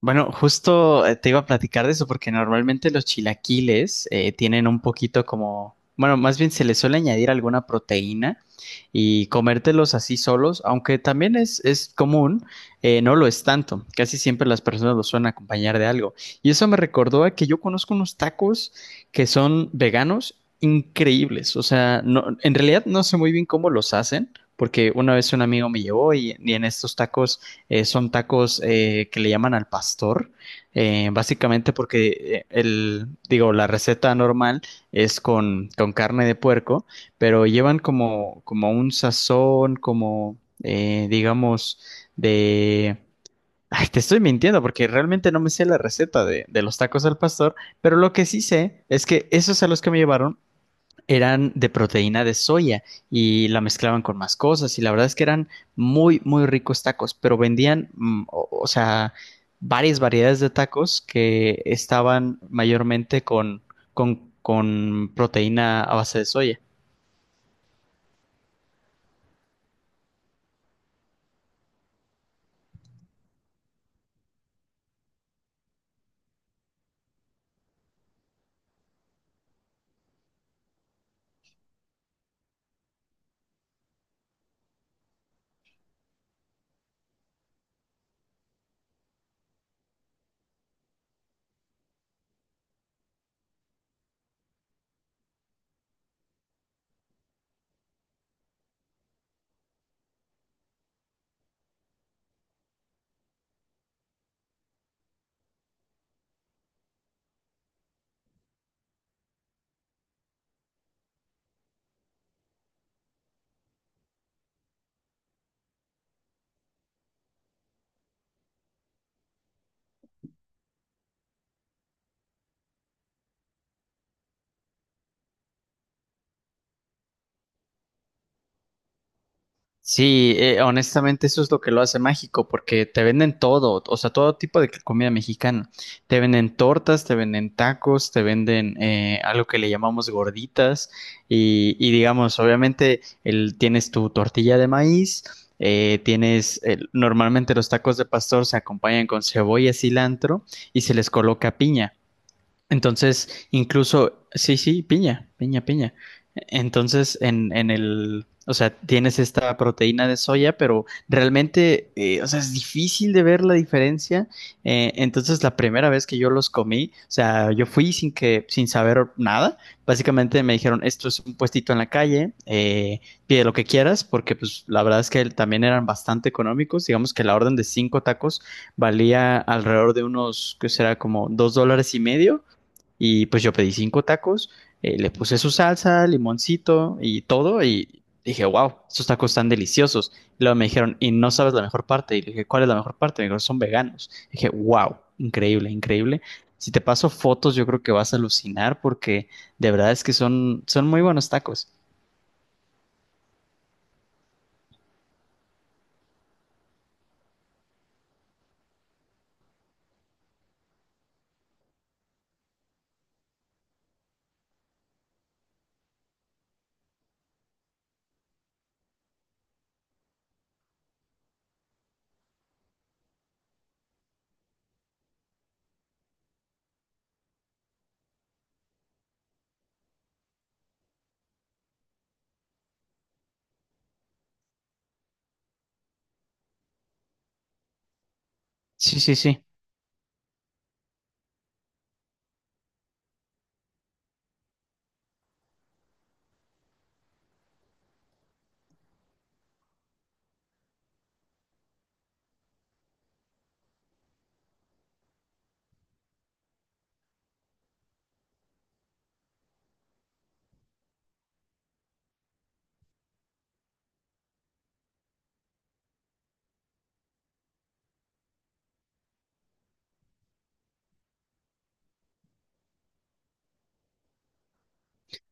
Bueno, justo te iba a platicar de eso porque normalmente los chilaquiles tienen un poquito como, bueno, más bien se les suele añadir alguna proteína y comértelos así solos, aunque también es común, no lo es tanto. Casi siempre las personas los suelen acompañar de algo. Y eso me recordó a que yo conozco unos tacos que son veganos increíbles. O sea, no, en realidad no sé muy bien cómo los hacen. Porque una vez un amigo me llevó y en estos tacos son tacos que le llaman al pastor, básicamente porque el, digo, la receta normal es con carne de puerco, pero llevan como un sazón, como digamos, de... Ay, te estoy mintiendo porque realmente no me sé la receta de los tacos al pastor, pero lo que sí sé es que esos a los que me llevaron eran de proteína de soya y la mezclaban con más cosas y la verdad es que eran muy, muy ricos tacos, pero vendían, o sea, varias variedades de tacos que estaban mayormente con, con proteína a base de soya. Sí, honestamente eso es lo que lo hace mágico, porque te venden todo, o sea, todo tipo de comida mexicana. Te venden tortas, te venden tacos, te venden algo que le llamamos gorditas y digamos, obviamente el, tienes tu tortilla de maíz, normalmente los tacos de pastor se acompañan con cebolla, cilantro y se les coloca piña. Entonces, incluso, sí, sí, piña, piña, piña. Entonces, en el, o sea, tienes esta proteína de soya, pero realmente, o sea, es difícil de ver la diferencia. Entonces, la primera vez que yo los comí, o sea, yo fui sin saber nada. Básicamente me dijeron, esto es un puestito en la calle, pide lo que quieras, porque pues la verdad es que también eran bastante económicos. Digamos que la orden de cinco tacos valía alrededor de unos, que será como 2,5 dólares. Y pues yo pedí cinco tacos, le puse su salsa, limoncito y todo. Y dije, wow, estos tacos están deliciosos. Y luego me dijeron, y no sabes la mejor parte. Y le dije, ¿cuál es la mejor parte? Me dijeron, son veganos. Y dije, wow, increíble, increíble. Si te paso fotos, yo creo que vas a alucinar porque de verdad es que son, son muy buenos tacos. Sí, sí, sí.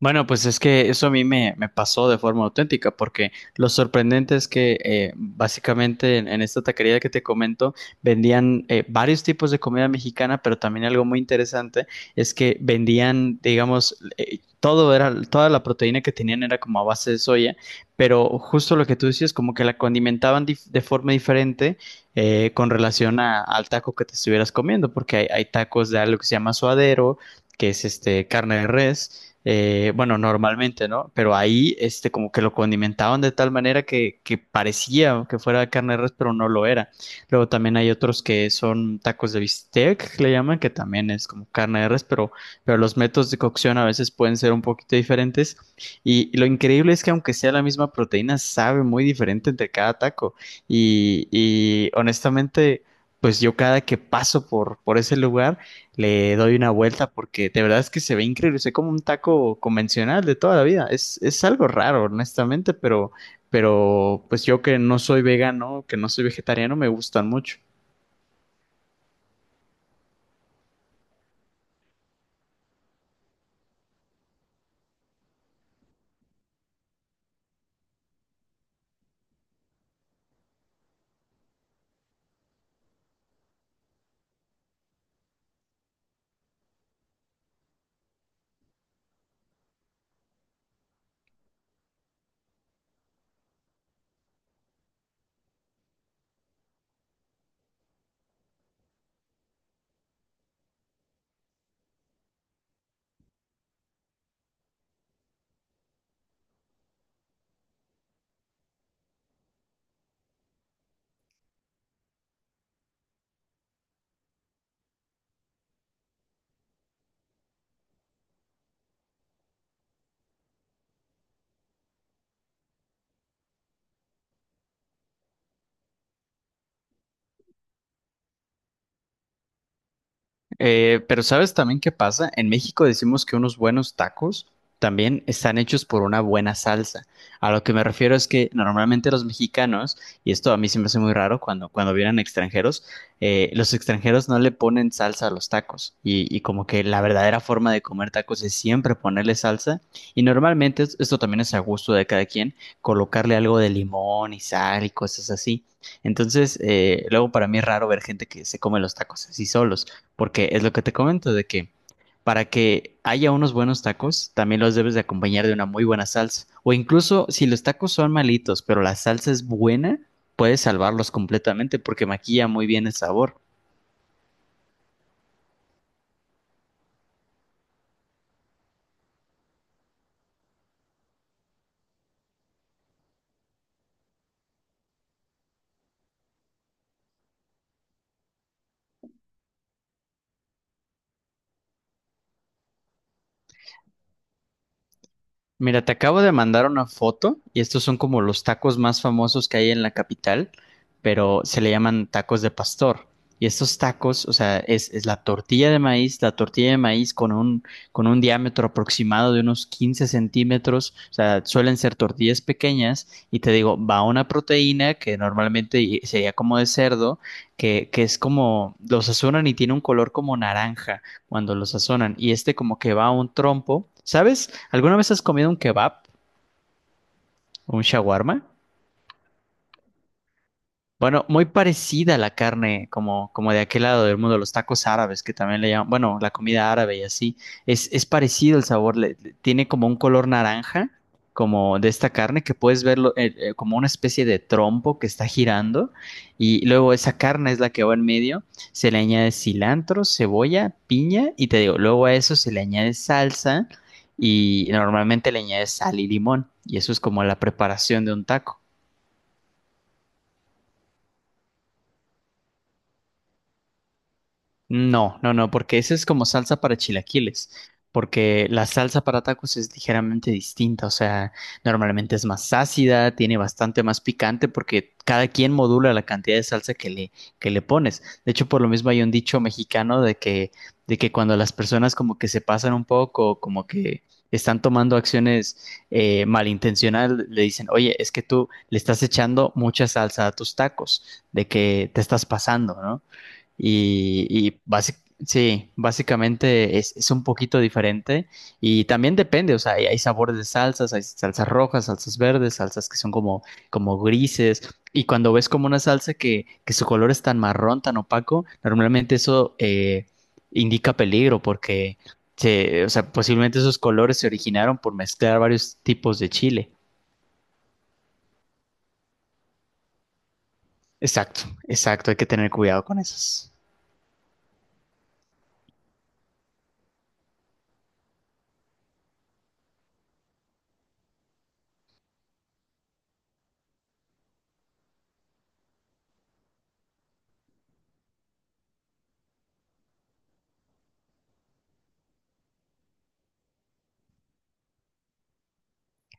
Bueno, pues es que eso a mí me pasó de forma auténtica, porque lo sorprendente es que básicamente en esta taquería que te comento vendían varios tipos de comida mexicana, pero también algo muy interesante es que vendían, digamos, toda la proteína que tenían era como a base de soya, pero justo lo que tú decías, como que la condimentaban de forma diferente con relación al taco que te estuvieras comiendo, porque hay tacos de algo que se llama suadero, que es este carne de res bueno, normalmente, ¿no? Pero ahí, este, como que lo condimentaban de tal manera que parecía que fuera carne de res, pero no lo era. Luego también hay otros que son tacos de bistec, que le llaman, que también es como carne de res, pero los métodos de cocción a veces pueden ser un poquito diferentes. Y lo increíble es que aunque sea la misma proteína, sabe muy diferente entre cada taco. Y honestamente, pues yo cada que paso por ese lugar, le doy una vuelta porque de verdad es que se ve increíble, se ve como un taco convencional de toda la vida. Es algo raro, honestamente, pero pues yo que no soy vegano, que no soy vegetariano, me gustan mucho. Pero ¿sabes también qué pasa? En México decimos que unos buenos tacos también están hechos por una buena salsa. A lo que me refiero es que normalmente los mexicanos, y esto a mí se me hace muy raro cuando vienen extranjeros, los extranjeros no le ponen salsa a los tacos. Y como que la verdadera forma de comer tacos es siempre ponerle salsa. Y normalmente esto también es a gusto de cada quien, colocarle algo de limón y sal y cosas así. Entonces, luego para mí es raro ver gente que se come los tacos así solos. Porque es lo que te comento, de que para que haya unos buenos tacos, también los debes de acompañar de una muy buena salsa. O incluso si los tacos son malitos, pero la salsa es buena, puedes salvarlos completamente porque maquilla muy bien el sabor. Mira, te acabo de mandar una foto y estos son como los tacos más famosos que hay en la capital, pero se le llaman tacos de pastor. Y estos tacos, o sea, es la tortilla de maíz, la tortilla de maíz con un, diámetro aproximado de unos 15 centímetros, o sea, suelen ser tortillas pequeñas y te digo, va una proteína que normalmente sería como de cerdo, que es como, los asuran y tiene un color como naranja cuando lo sazonan. Y este como que va a un trompo. ¿Sabes? ¿Alguna vez has comido un kebab o un shawarma? Bueno, muy parecida a la carne, como de aquel lado del mundo, los tacos árabes, que también le llaman, bueno, la comida árabe y así. Es parecido el sabor, tiene como un color naranja, como de esta carne, que puedes verlo como una especie de trompo que está girando. Y luego esa carne es la que va en medio, se le añade cilantro, cebolla, piña, y te digo, luego a eso se le añade salsa y normalmente le añades sal y limón. Y eso es como la preparación de un taco. No, no, no, porque esa es como salsa para chilaquiles, porque la salsa para tacos es ligeramente distinta, o sea, normalmente es más ácida, tiene bastante más picante, porque cada quien modula la cantidad de salsa que le pones. De hecho, por lo mismo hay un dicho mexicano de que cuando las personas como que se pasan un poco, como que están tomando acciones malintencionadas, le dicen, oye, es que tú le estás echando mucha salsa a tus tacos, de que te estás pasando, ¿no? Y, y basi- sí, básicamente es un poquito diferente y también depende, o sea, hay sabores de salsas, hay salsas rojas, salsas verdes, salsas que son como, como grises y cuando ves como una salsa que su color es tan marrón, tan opaco, normalmente eso indica peligro porque, o sea, posiblemente esos colores se originaron por mezclar varios tipos de chile. Exacto, exacto, hay que tener cuidado con esos.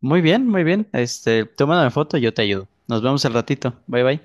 Muy bien, muy bien. Este, tómame foto y yo te ayudo. Nos vemos al ratito. Bye bye.